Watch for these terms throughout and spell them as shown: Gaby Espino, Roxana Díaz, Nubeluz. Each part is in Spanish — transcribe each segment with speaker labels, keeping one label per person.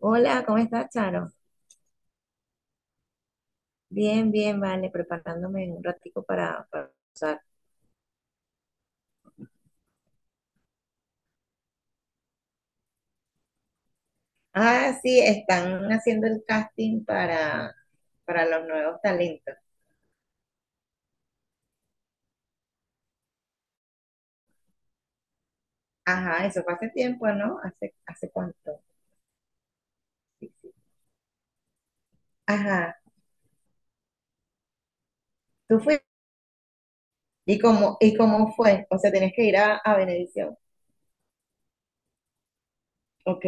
Speaker 1: Hola, ¿cómo estás, Charo? Bien, bien, vale, preparándome un ratico para usar. Ah, sí, están haciendo el casting para los nuevos talentos. Ajá, eso fue hace tiempo, ¿no? ¿Hace cuánto? Sí, sí. Ajá, tú fuiste. ¿Y cómo fue? O sea, tienes que ir a Benedicción. Ok,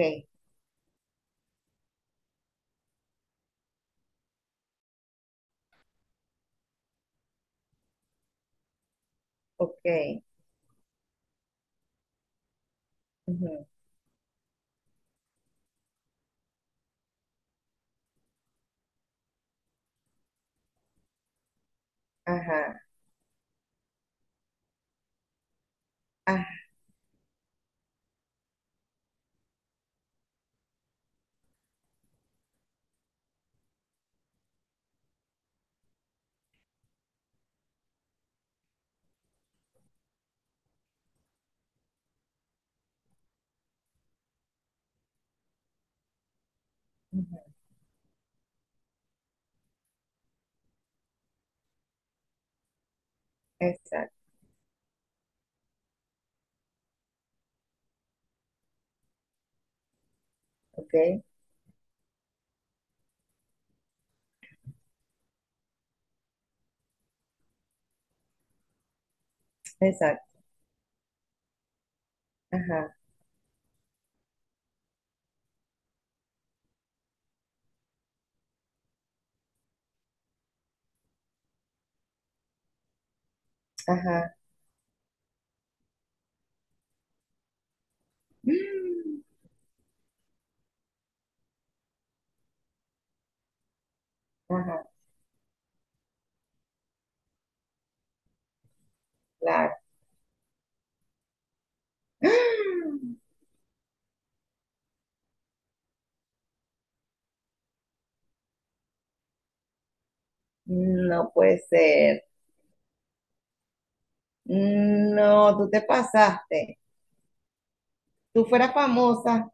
Speaker 1: ok. Ujú. Ajá, ajá, ujú, exacto, ok, exacto. Ajá, ajá. Mm. Ajá, claro. No puede ser. No, tú te pasaste. Tú fueras famosa.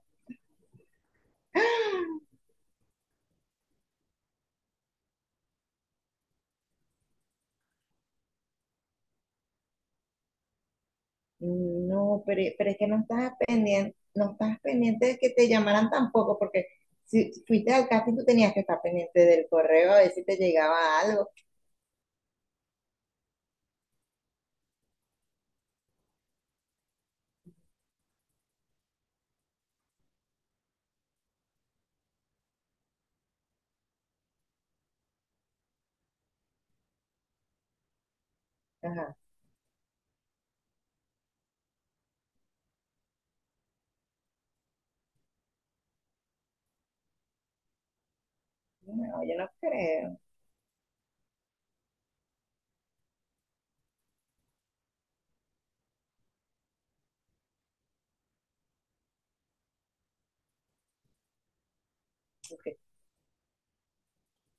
Speaker 1: No, pero, es que no estás pendiente, no estás pendiente de que te llamaran tampoco, porque si fuiste al casting, tú tenías que estar pendiente del correo a ver si te llegaba algo. Ajá. No, yo no creo. Ok.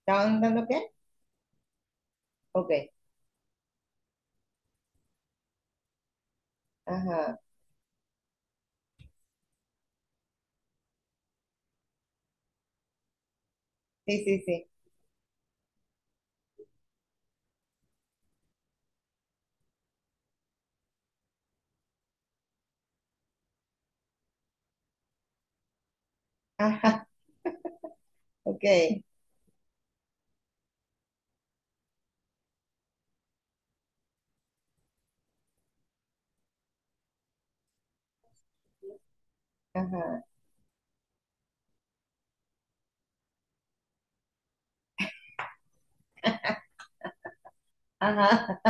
Speaker 1: ¿Estaban dando qué? Ok. Ajá. Sí, sí, sí. Ajá. Ok. Ajá. Ajá.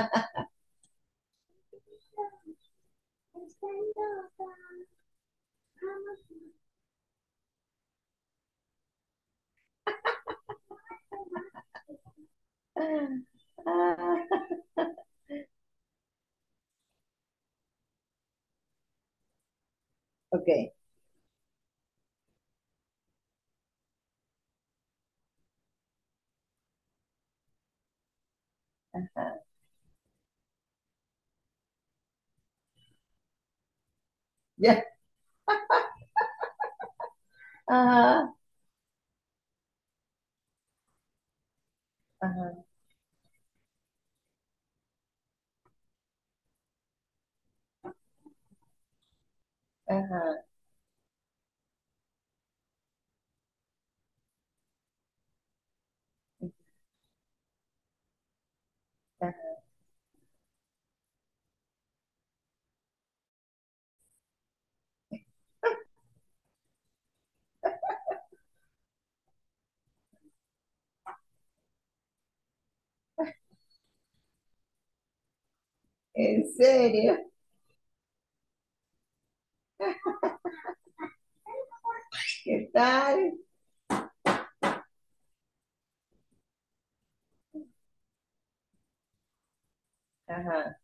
Speaker 1: Está loca. Ah, ah. Ok. Ya. Ajá. Ajá, ajá, ajá. ¿En serio? ¿Qué tal? Ajá,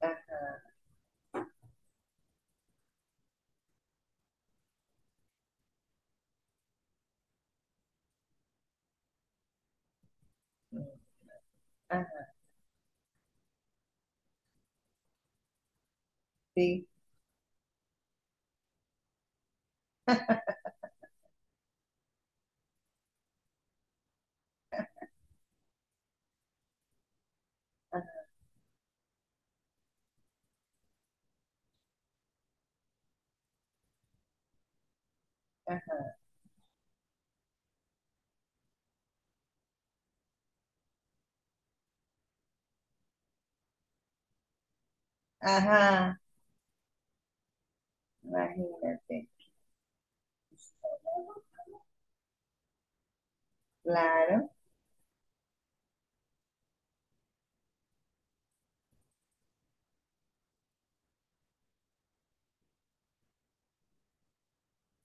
Speaker 1: ajá, ajá, sí, ajá, ajá, imagínate. Claro.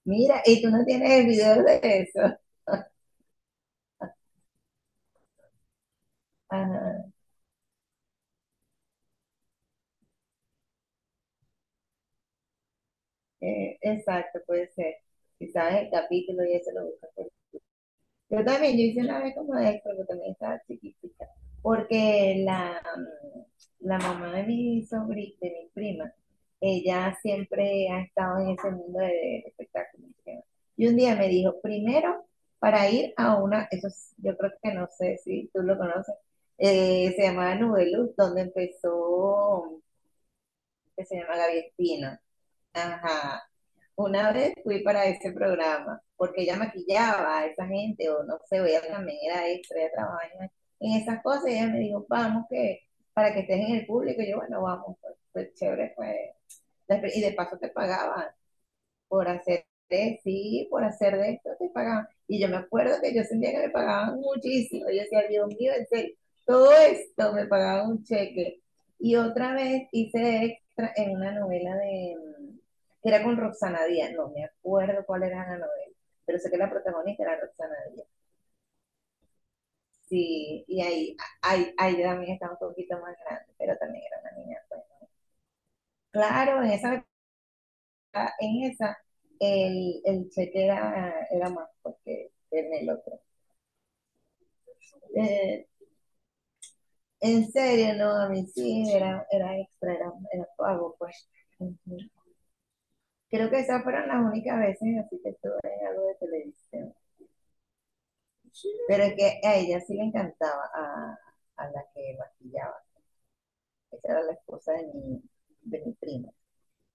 Speaker 1: Mira, ¿y tú no tienes el video de eso? Ajá, exacto, puede ser. Si sabes el capítulo y eso lo buscas. Yo también, yo hice una vez como de esto, pero también estaba chiquitita, porque la, la mamá de mi sobrina, de mi prima, ella siempre ha estado en ese mundo de espectáculos, ¿no? Y un día me dijo, primero, para ir a una, yo creo que no sé si tú lo conoces, se llamaba Nubeluz, donde empezó, que se llama Gaby Espino. Ajá. Una vez fui para ese programa, porque ella maquillaba a esa gente, o no sé, ella también era extra, ella trabajaba en esas cosas, y ella me dijo, vamos, que para que estés en el público, y yo, bueno, vamos, pues, pues chévere, pues, y de paso te pagaba por hacer de, sí, por hacer de esto te pagaban. Y yo me acuerdo que yo sentía que me pagaban muchísimo. Yo decía, Dios mío, en serio, todo esto me pagaba un cheque. Y otra vez hice de extra en una novela de, que era con Roxana Díaz, no me acuerdo cuál era la novela, pero sé que la protagonista era Roxana Díaz. Sí, y ahí, ahí también estaba un poquito más grande, pero también era una niña, pues. Claro, en esa, el cheque era, era más fuerte que en el otro. Eh, en serio, no, a mí sí, era, era extra, era, era pago, pues. Ujú. Creo que esas fueron las únicas veces así que estuve en algo de televisión. Pero es que a ella sí le encantaba, a la que maquillaba. Esa era la esposa de mi primo.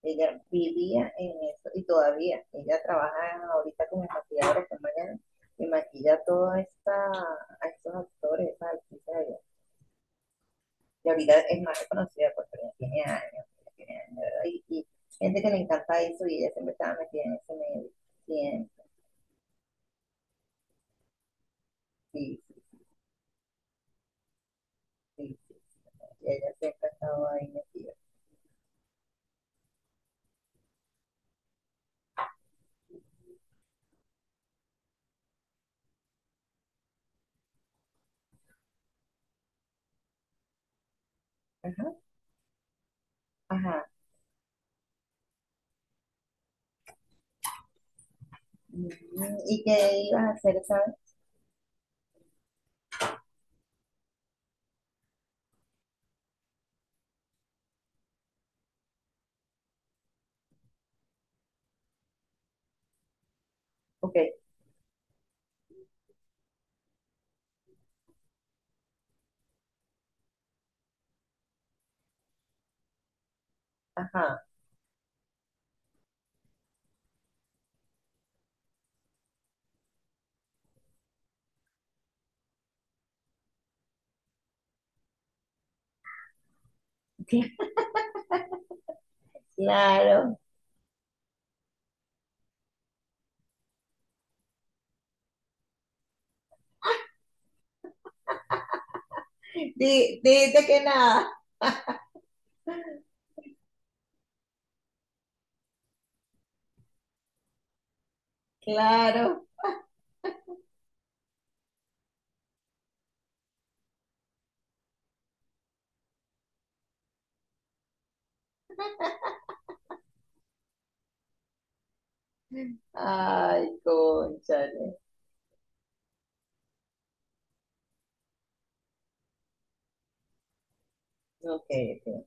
Speaker 1: Ella vivía en eso y todavía ella trabaja ahorita como maquilladora que mañana y maquilla todos esta, a estos actores, esas actrices allá. Y ahorita es más reconocida porque ya tiene años, ¿verdad? Y gente que le encanta eso y ella siempre estaba metida en ese medio. Siempre, sí, sí, sí, sí, sí. Y ella siempre ha estado ahí metida. Ajá, ajá. Mm. ¿Y qué ibas a hacer, sabes? Ok, ajá. Claro. Dijiste que nada. Claro. Ay, cónchale. Ok, ok.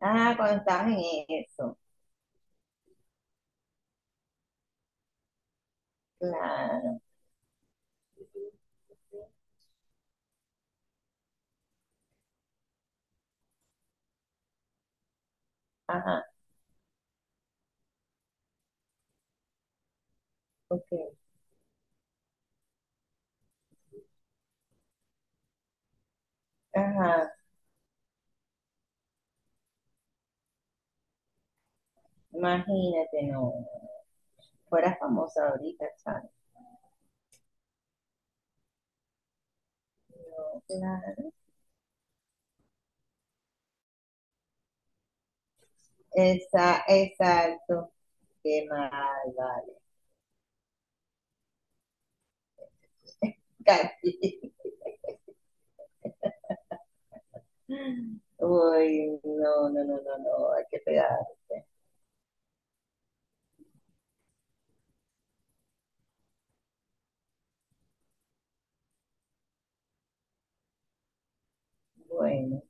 Speaker 1: Ah, cuando estabas en eso. Claro. Ajá, ok. Ajá. Imagínate, no. Fueras famosa ahorita, chale. No, claro. Esa, exacto. Qué mal, vale. Casi. Uy, no, no, no, no, no. Hay que pegarse. Bueno.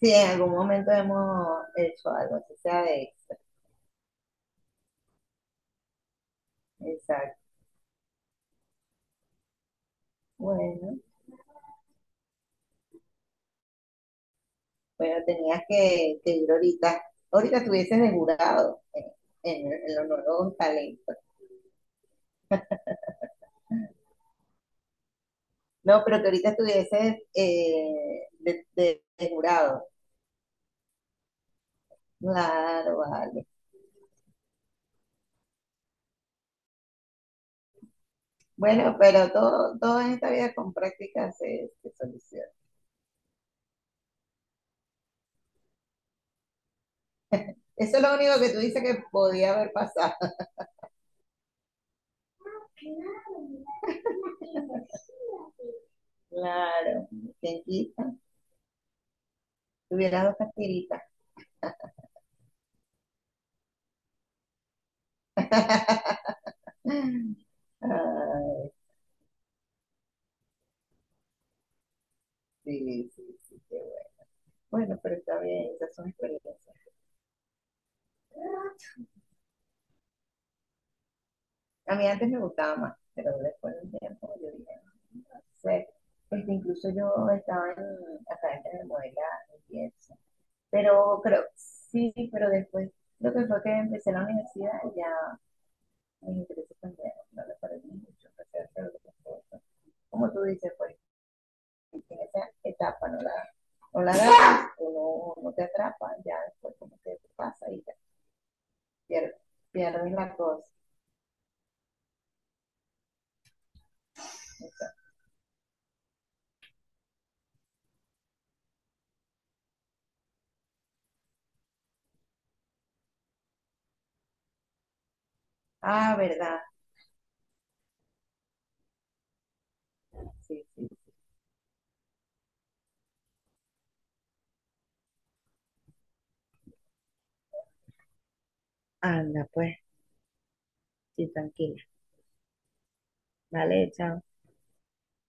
Speaker 1: Sí, en algún momento hemos hecho algo, así sea de extra. Exacto. Bueno. Bueno, tenías que ir ahorita. Ahorita estuvieses de jurado en, en los nuevos talentos. No, pero que ahorita estuvieses de, de jurado. Claro, vale. Bueno, pero todo, todo en esta vida con práctica se, se soluciona. Eso es lo único que tú dices que podía haber pasado. Claro, ¿quién quita? Tuviera dos castiritas. Ay, sí, sí, sí, qué bueno. Bueno, pero está bien, esas son experiencias. A mí antes me gustaba más, pero después de un tiempo yo dije, no sé. Este, incluso yo estaba en acá en el modelaje y eso. Pero creo, sí, pero después lo que fue que empecé la universidad ya mis intereses cambiaron, no me parecen mucho, empecé a hacer otras cosas. Como tú dices, pues en esa etapa no la agarras, o no, no te atrapa, ya después como que te pasa y ya pierdes, pierdes la cosa. Ah, ¿verdad? Sí, sí. Anda, pues. Sí, tranquila. Vale, chao.